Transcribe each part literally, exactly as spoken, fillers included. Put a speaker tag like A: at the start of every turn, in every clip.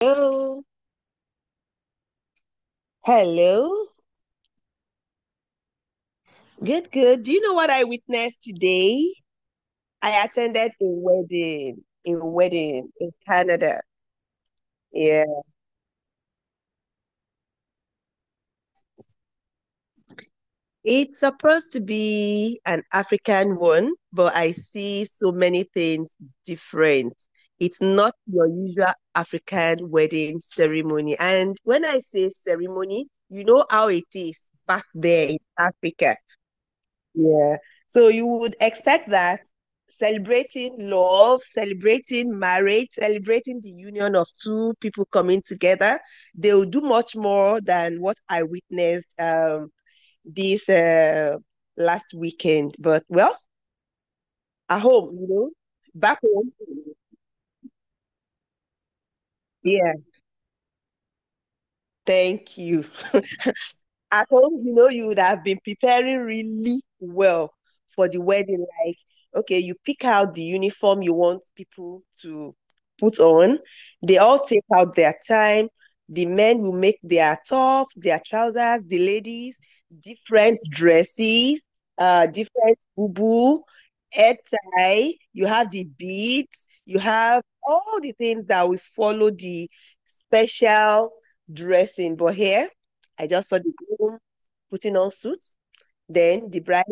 A: Hello. Hello. Good, good. Do you know what I witnessed today? I attended a wedding, a wedding in Canada. Yeah. It's supposed to be an African one, but I see so many things different. It's not your usual African wedding ceremony. And when I say ceremony, you know how it is back there in Africa. Yeah. So you would expect that celebrating love, celebrating marriage, celebrating the union of two people coming together, they will do much more than what I witnessed um this uh last weekend. But well, at home, you know, back home. Yeah, thank you. At home, you know, you would have been preparing really well for the wedding. Like, okay, you pick out the uniform you want people to put on. They all take out their time. The men will make their tops, their trousers, the ladies, different dresses, uh, different boo-boo, head tie. You have the beads. You have all the things that will follow the special dressing. But here, I just saw the groom putting on suits, then the bride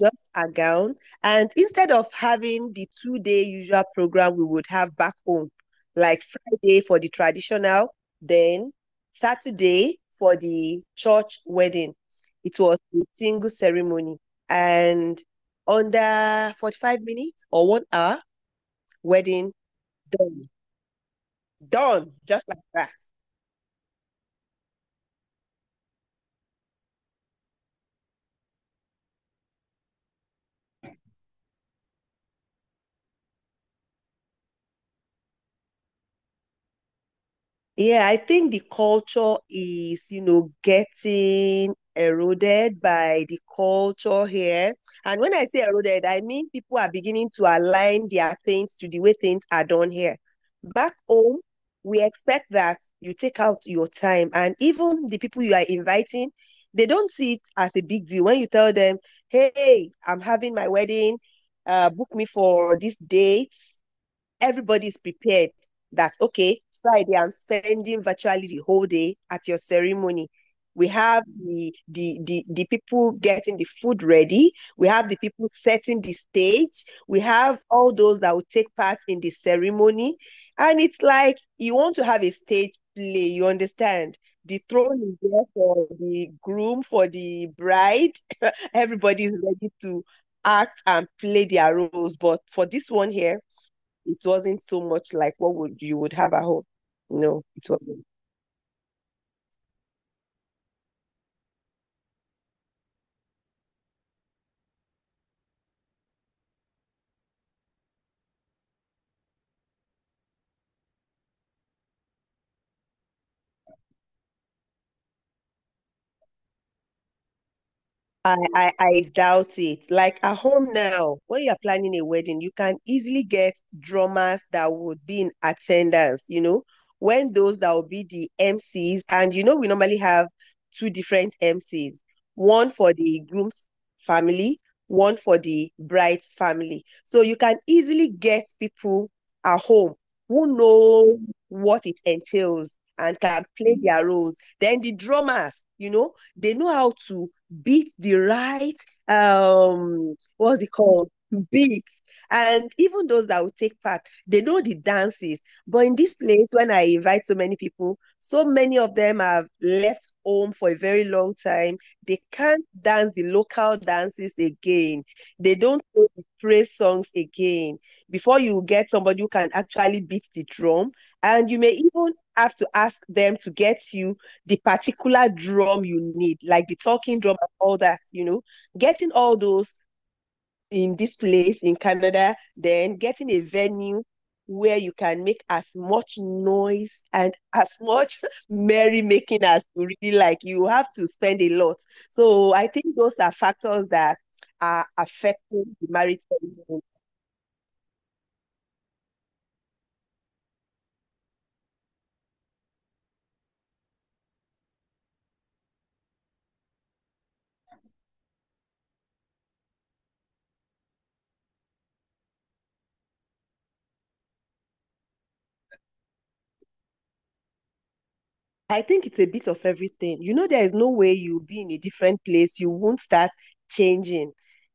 A: just a gown. And instead of having the two day usual program we would have back home, like Friday for the traditional, then Saturday for the church wedding, it was a single ceremony. And under forty-five minutes or one hour, wedding done. Done, just like that. Yeah, I think the culture is, you know, getting eroded by the culture here. And when I say eroded, I mean people are beginning to align their things to the way things are done here. Back home, we expect that you take out your time, and even the people you are inviting, they don't see it as a big deal. When you tell them, hey, I'm having my wedding, uh, book me for this date, everybody's prepared that, okay, Friday, I'm spending virtually the whole day at your ceremony. We have the, the the the people getting the food ready. We have the people setting the stage. We have all those that will take part in the ceremony. And it's like you want to have a stage play, you understand? The throne is there for the groom, for the bride. Everybody's ready to act and play their roles. But for this one here, it wasn't so much like what would you would have at home. No, it wasn't. I, I I doubt it. Like at home now, when you're planning a wedding, you can easily get drummers that would be in attendance, you know, when those that will be the M Cs. And you know, we normally have two different M Cs, one for the groom's family, one for the bride's family. So you can easily get people at home who know what it entails and can play their roles. Then the drummers, you know, they know how to beat the right um what's it called, beat, and even those that will take part, they know the dances. But in this place, when I invite so many people, so many of them have left home for a very long time, they can't dance the local dances again, they don't know the praise songs again. Before you get somebody who can actually beat the drum, and you may even have to ask them to get you the particular drum you need, like the talking drum and all that, you know, getting all those in this place in Canada, then getting a venue where you can make as much noise and as much merrymaking as you really like. You have to spend a lot. So I think those are factors that are affecting the marital. I think it's a bit of everything. You know, there is no way you'll be in a different place. You won't start changing.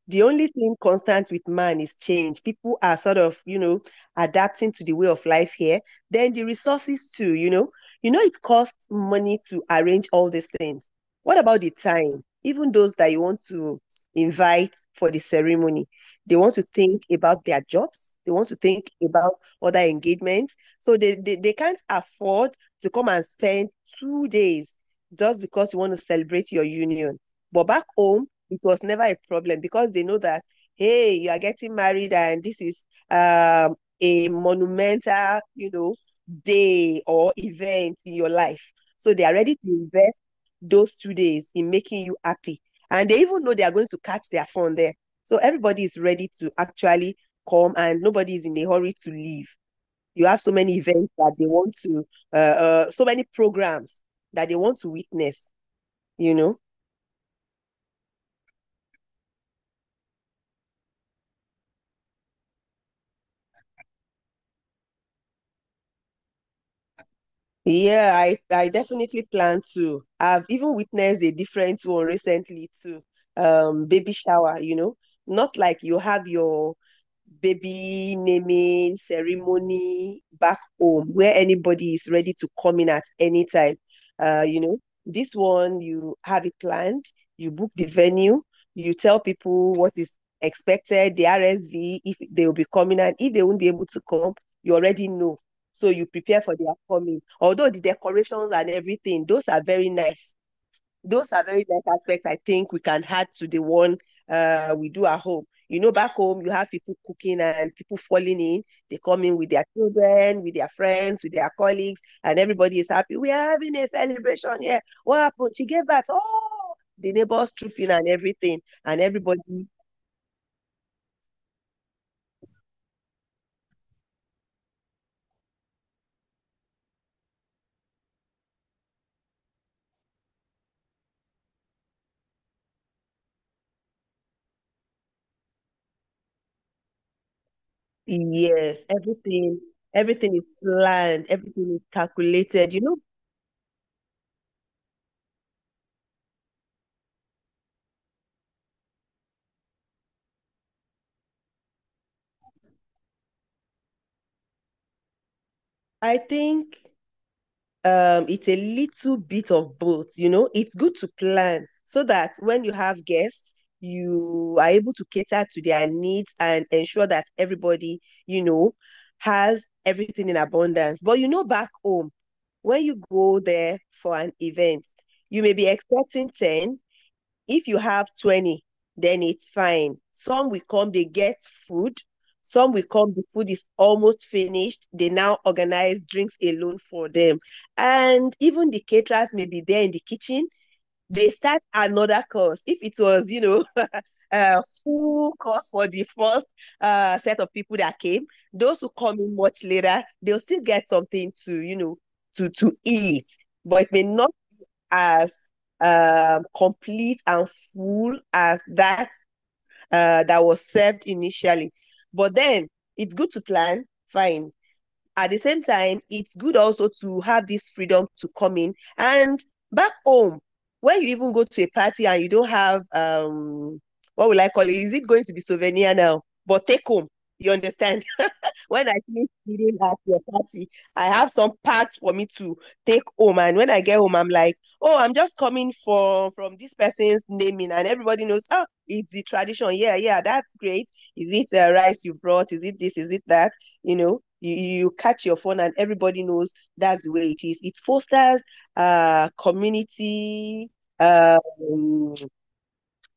A: The only thing constant with man is change. People are sort of, you know, adapting to the way of life here. Then the resources too, you know. You know, it costs money to arrange all these things. What about the time? Even those that you want to invite for the ceremony, they want to think about their jobs. They want to think about other engagements. So they, they, they can't afford to come and spend two days just because you want to celebrate your union. But back home, it was never a problem because they know that, hey, you are getting married and this is um, a monumental, you know, day or event in your life. So they are ready to invest those two days in making you happy. And they even know they are going to catch their phone there. So everybody is ready to actually come and nobody is in a hurry to leave. You have so many events that they want to, uh, uh, so many programs that they want to witness, you know? Yeah, I, I definitely plan to. I've even witnessed a different one recently too. Um, baby shower, you know? Not like you have your baby naming ceremony back home where anybody is ready to come in at any time. Uh, you know, this one you have it planned, you book the venue, you tell people what is expected, the R S V, if they will be coming, and if they won't be able to come, you already know. So you prepare for their coming. Although the decorations and everything, those are very nice. Those are very nice aspects I think we can add to the one uh, we do at home. You know, back home, you have people cooking and people falling in. They come in with their children, with their friends, with their colleagues, and everybody is happy. We are having a celebration here. What happened? She gave birth. Oh, the neighbors trooping and everything. And everybody, yes, everything, everything is planned, everything is calculated. You know, I think Um, it's a little bit of both, you know. It's good to plan so that when you have guests, you are able to cater to their needs and ensure that everybody, you know, has everything in abundance. But you know, back home, when you go there for an event, you may be expecting ten, if you have twenty, then it's fine. Some will come, they get food. Some will come, the food is almost finished. They now organize drinks alone for them. And even the caterers may be there in the kitchen. They start another course. If it was, you know, a full course for the first uh, set of people that came, those who come in much later, they'll still get something to, you know, to, to eat. But it may not as um, complete and full as that uh, that was served initially. But then it's good to plan, fine, at the same time, it's good also to have this freedom to come in. And back home, when you even go to a party and you don't have um what will I call it? Is it going to be souvenir now? But take home. You understand? When I finish eating at your party, I have some parts for me to take home. And when I get home, I'm like, oh, I'm just coming from from this person's naming, and everybody knows, oh, it's the tradition. Yeah, yeah, that's great. Is it the rice you brought? Is it this? Is it that? You know, you, you catch your phone and everybody knows that's the way it is. It fosters uh community, um,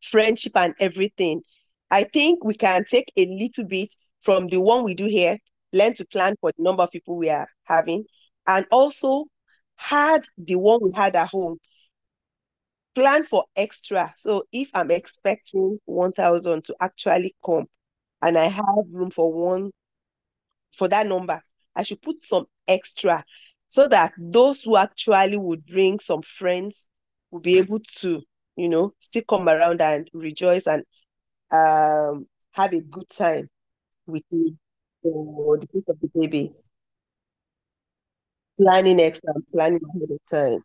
A: friendship and everything. I think we can take a little bit from the one we do here, learn to plan for the number of people we are having, and also had the one we had at home, plan for extra. So if I'm expecting one thousand to actually come and I have room for one for that number, I should put some extra so that those who actually would bring some friends will be able to, you know, still come around and rejoice and um, have a good time with me for the birth of the baby. Planning extra, planning ahead of time.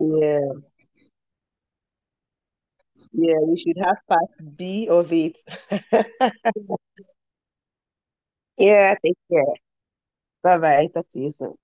A: Yeah, yeah, we should have part B of it. Yeah, take care. Bye bye. Talk to you soon.